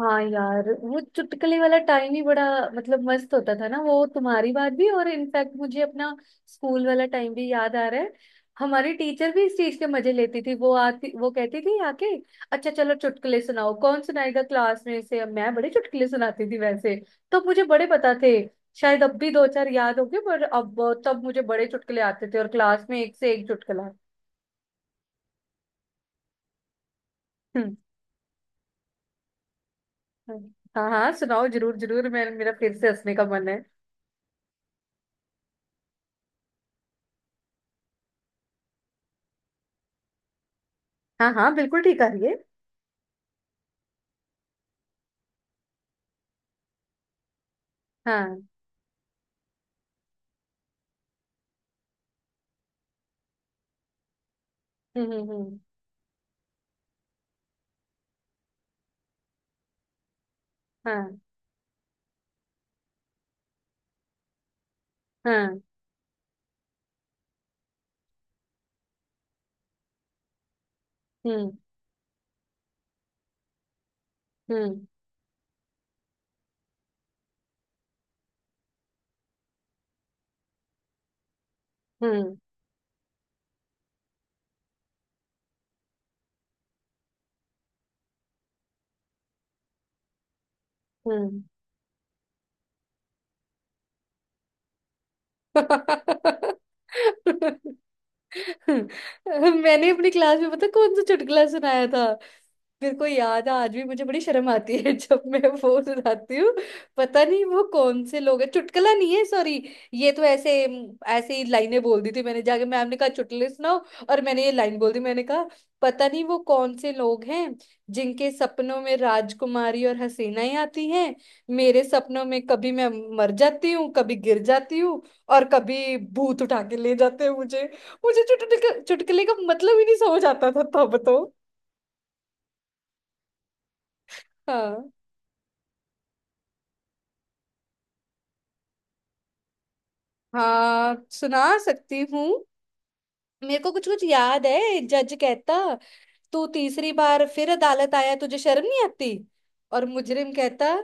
हाँ यार, वो चुटकुले वाला टाइम ही बड़ा मस्त होता था ना। वो तुम्हारी बात भी, और इनफैक्ट मुझे अपना स्कूल वाला टाइम भी याद आ रहा है। हमारी टीचर भी इस चीज के मजे लेती थी। वो आती, वो कहती थी आके, अच्छा चलो चुटकुले सुनाओ, कौन सुनाएगा क्लास में से। अब मैं बड़े चुटकुले सुनाती थी वैसे, तो मुझे बड़े पता थे। शायद अब भी दो चार याद होंगे, पर अब तब मुझे बड़े चुटकुले आते थे, और क्लास में एक से एक चुटकुला। हम्म हम्म। हाँ हाँ, सुनाओ, जरूर जरूर। मैं मेरा फिर से हंसने का मन है। हाँ हाँ, बिल्कुल ठीक आ रही है। हाँ। हम्म। हम्म। हाँ हाँ। हम्म हम्म। हम्म हम्म। मैंने अपनी क्लास में पता कौन सा चुटकुला सुनाया था। मेरे को याद है, आज भी मुझे बड़ी शर्म आती है जब मैं वो सुनाती हूँ। पता नहीं वो कौन से लोग हैं। चुटकुला नहीं है, सॉरी। ये तो ऐसे, ऐसे ही लाइनें बोल दी थी मैंने जाके। मैम ने कहा चुटकुले सुनाओ, और मैंने ये लाइन बोल दी। मैंने कहा, पता नहीं वो कौन से लोग हैं जिनके सपनों में राजकुमारी और हसीनाएं आती हैं। मेरे सपनों में कभी मैं मर जाती हूँ, कभी गिर जाती हूँ, और कभी भूत उठा के ले जाते हैं मुझे। मुझे चुटकुले चुटकुले का मतलब ही नहीं समझ आता था तब तो। हाँ। हाँ, सुना सकती हूँ। मेरे को कुछ कुछ याद है। जज कहता, तू तीसरी बार फिर अदालत आया, तुझे शर्म नहीं आती? और मुजरिम कहता,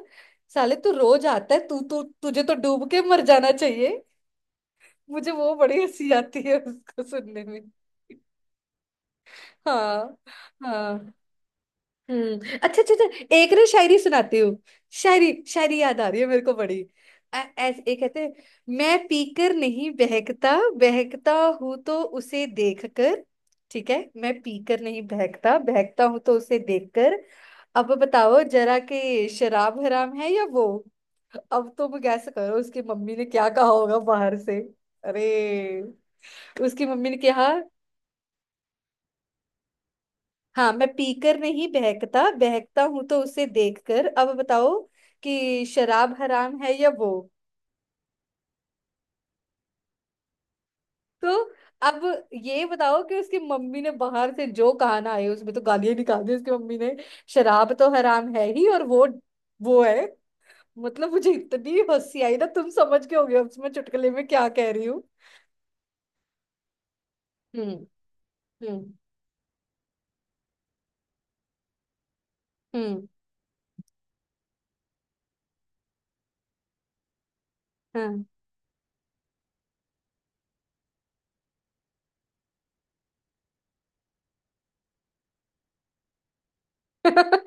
साले तू रोज आता है, तू तू तुझे तो डूब के मर जाना चाहिए। मुझे वो बड़ी हंसी आती है उसको सुनने में। हाँ। हाँ। हम्म। अच्छा अच्छा अच्छा, एक ना शायरी सुनाती हूँ। शायरी, शायरी याद आ रही है मेरे को बड़ी। ऐ- ऐस एक कहते हैं, मैं पीकर नहीं बहकता, बहकता हूं तो उसे देखकर। ठीक है। मैं पीकर नहीं बहकता, बहकता हूं तो उसे देखकर। अब बताओ जरा कि शराब हराम है या वो। अब तुम गैस करो, उसकी मम्मी ने क्या कहा होगा बाहर से। अरे, उसकी मम्मी ने कहा। हाँ, मैं पीकर नहीं बहकता, बहकता हूं तो उसे देखकर। अब बताओ कि शराब हराम है या वो। तो अब ये बताओ कि उसकी मम्मी ने बाहर से जो कहा ना, आए उसमें तो गालियां निकाल दी उसकी मम्मी ने। शराब तो हराम है ही, और वो है। मतलब मुझे इतनी हंसी आई ना, तुम समझ के होगे अब मैं चुटकुले में क्या कह रही हूँ। हम्म। हम्म। हम्म। हाँ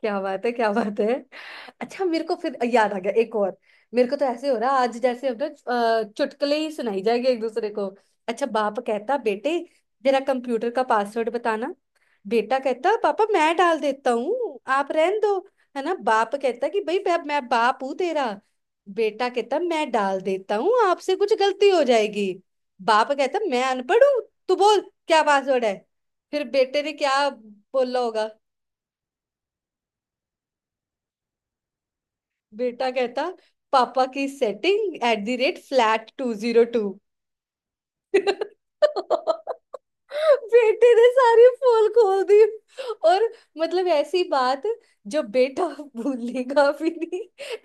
क्या बात है, क्या बात है। अच्छा, मेरे को फिर याद आ गया एक और। मेरे को तो ऐसे हो रहा है, आज जैसे हम ना चुटकुले ही सुनाई जाएंगे एक दूसरे को। अच्छा, बाप कहता, बेटे जरा कंप्यूटर का पासवर्ड बताना। बेटा कहता, पापा मैं डाल देता हूँ, आप रहन दो। है ना। बाप कहता कि भाई मैं बाप हूँ तेरा। बेटा कहता, मैं डाल देता हूँ, आपसे कुछ गलती हो जाएगी। बाप कहता, मैं अनपढ़ हूँ, तू बोल क्या पासवर्ड है। फिर बेटे ने क्या बोला होगा? बेटा कहता, पापा की सेटिंग @flat202। बेटे ने सारी पोल खोल दी। और मतलब ऐसी बात, जो बेटा भूलेगा भी नहीं।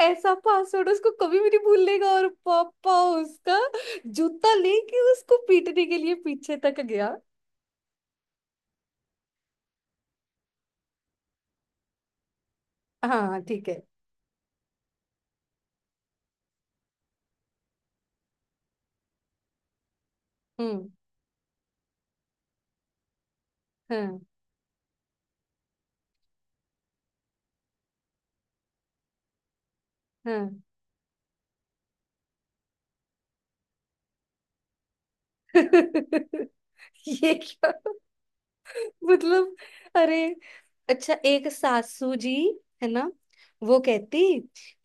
ऐसा पासवर्ड उसको कभी भी नहीं भूलेगा। और पापा उसका जूता लेके उसको पीटने के लिए पीछे तक गया। हाँ ठीक है। हम्म। हाँ। हाँ ये क्या? मतलब? अरे। अच्छा, एक सासू जी है ना, वो कहती,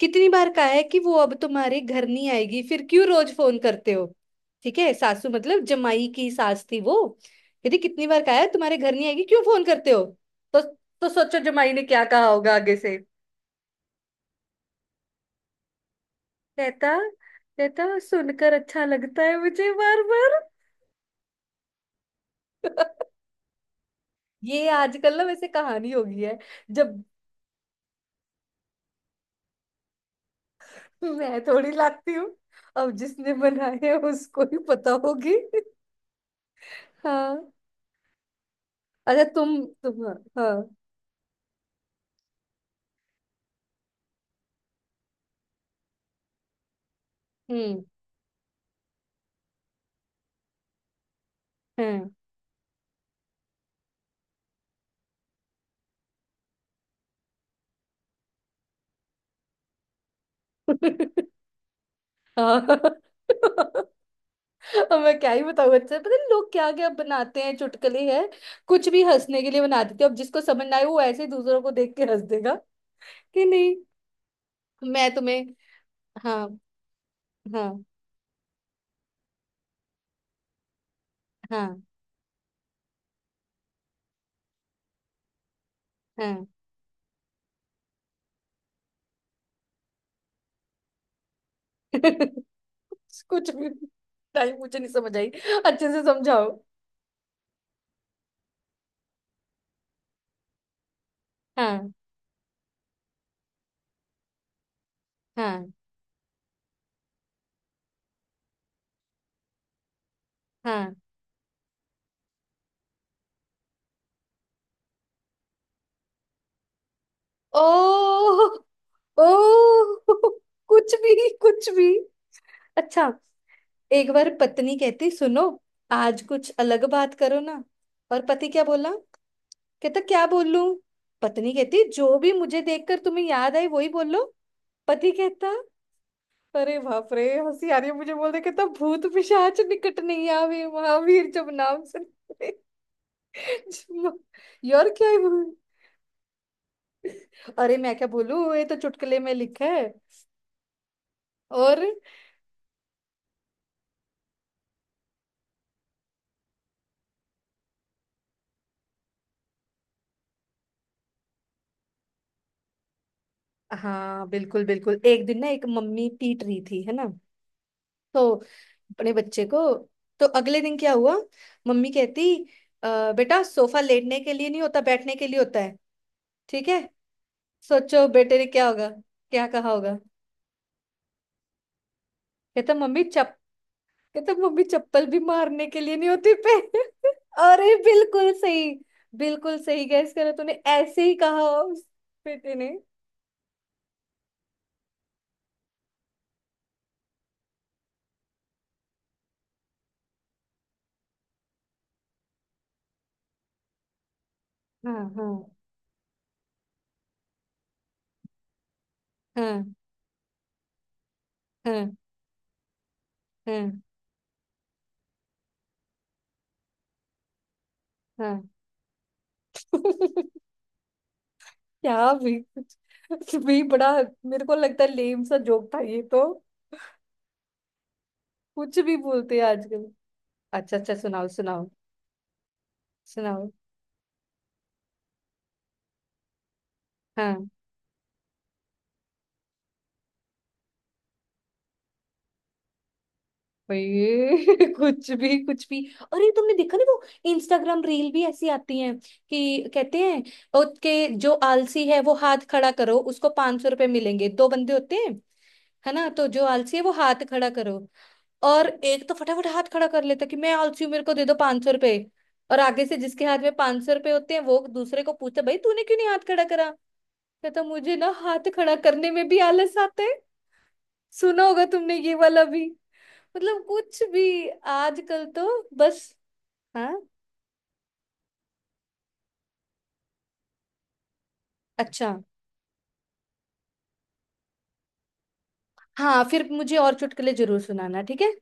कितनी बार कहा है कि वो अब तुम्हारे घर नहीं आएगी, फिर क्यों रोज फोन करते हो। ठीक है, सासू मतलब जमाई की सास थी वो। कहती, कितनी बार कहा है तुम्हारे घर नहीं आएगी, क्यों फोन करते हो। तो तो सोचो जमाई ने क्या कहा होगा आगे से। कहता कहता सुनकर अच्छा लगता है मुझे, बार बार। ये आजकल ना वैसे कहानी हो गई है। जब मैं थोड़ी लाती हूँ, अब जिसने बनाए हैं उसको ही पता होगी। हाँ। अच्छा तुम हाँ हाँ। हम्म। हाँ हाँ। अब मैं क्या ही बताऊँ। अच्छा, पता नहीं लोग क्या क्या बनाते हैं चुटकुले हैं, कुछ भी हंसने के लिए बना देते हैं। अब जिसको समझ ना आए वो ऐसे ही दूसरों को देख के हंस देगा कि नहीं। मैं तुम्हें। हाँ हाँ। हाँ हाँ कुछ भी, टाइम मुझे नहीं समझ आई। अच्छे से समझाओ। हाँ। हाँ। हाँ। ओ। ओ कुछ भी, कुछ भी। अच्छा, एक बार पत्नी कहती, सुनो, आज कुछ अलग बात करो ना। और पति क्या बोला? कहता, क्या बोलूं? पत्नी कहती, जो भी मुझे देखकर तुम्हें याद आई वही बोलो। पति कहता, अरे बाप रे, हंसी आ रही है मुझे। बोल रहे, कहता, भूत पिशाच निकट नहीं आवे, महावीर जब नाम सुनते। यार क्या ही बोलूं? अरे मैं क्या बोलूं, ये तो चुटकुले में लिखा है। और हाँ, बिल्कुल बिल्कुल। एक दिन ना एक मम्मी पीट रही थी है ना, तो अपने बच्चे को। तो अगले दिन क्या हुआ, मम्मी कहती, बेटा सोफा लेटने के लिए नहीं होता, बैठने के लिए होता है, ठीक है।" सोचो बेटे ने क्या होगा, क्या कहा होगा? कहता मम्मी चप कहता, मम्मी चप्पल भी मारने के लिए नहीं होती पे। अरे बिल्कुल सही। बिल्कुल सही, गैस करो, तूने ऐसे ही कहा उस बेटे ने। हाँ हाँ हाँ हाँ। हाँ हाँ क्या भी, कुछ भी बड़ा। मेरे को लगता है लेम सा जोक था ये तो। कुछ भी बोलते हैं आजकल। अच्छा अच्छा, सुनाओ सुनाओ सुनाओ। हाँ। ये कुछ भी कुछ भी। अरे तुमने देखा नहीं वो इंस्टाग्राम रील भी ऐसी आती हैं कि कहते हैं, उसके, जो आलसी है वो हाथ खड़ा करो, उसको 500 रुपए मिलेंगे। दो बंदे होते हैं है ना, तो जो आलसी है वो हाथ खड़ा करो। और एक तो फटाफट हाथ खड़ा कर लेता कि मैं आलसी हूँ, मेरे को दे दो 500 रुपए। और आगे से जिसके हाथ में 500 रुपए होते हैं वो दूसरे को पूछता, भाई तूने क्यों नहीं हाथ खड़ा करा। कहता, मुझे ना हाथ खड़ा करने में भी आलस आता है। सुना होगा तुमने ये वाला भी। मतलब कुछ भी। आजकल तो। बस। हाँ। अच्छा। हाँ, फिर मुझे और चुटकुले जरूर सुनाना, ठीक है।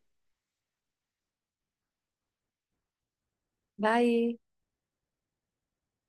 बाय।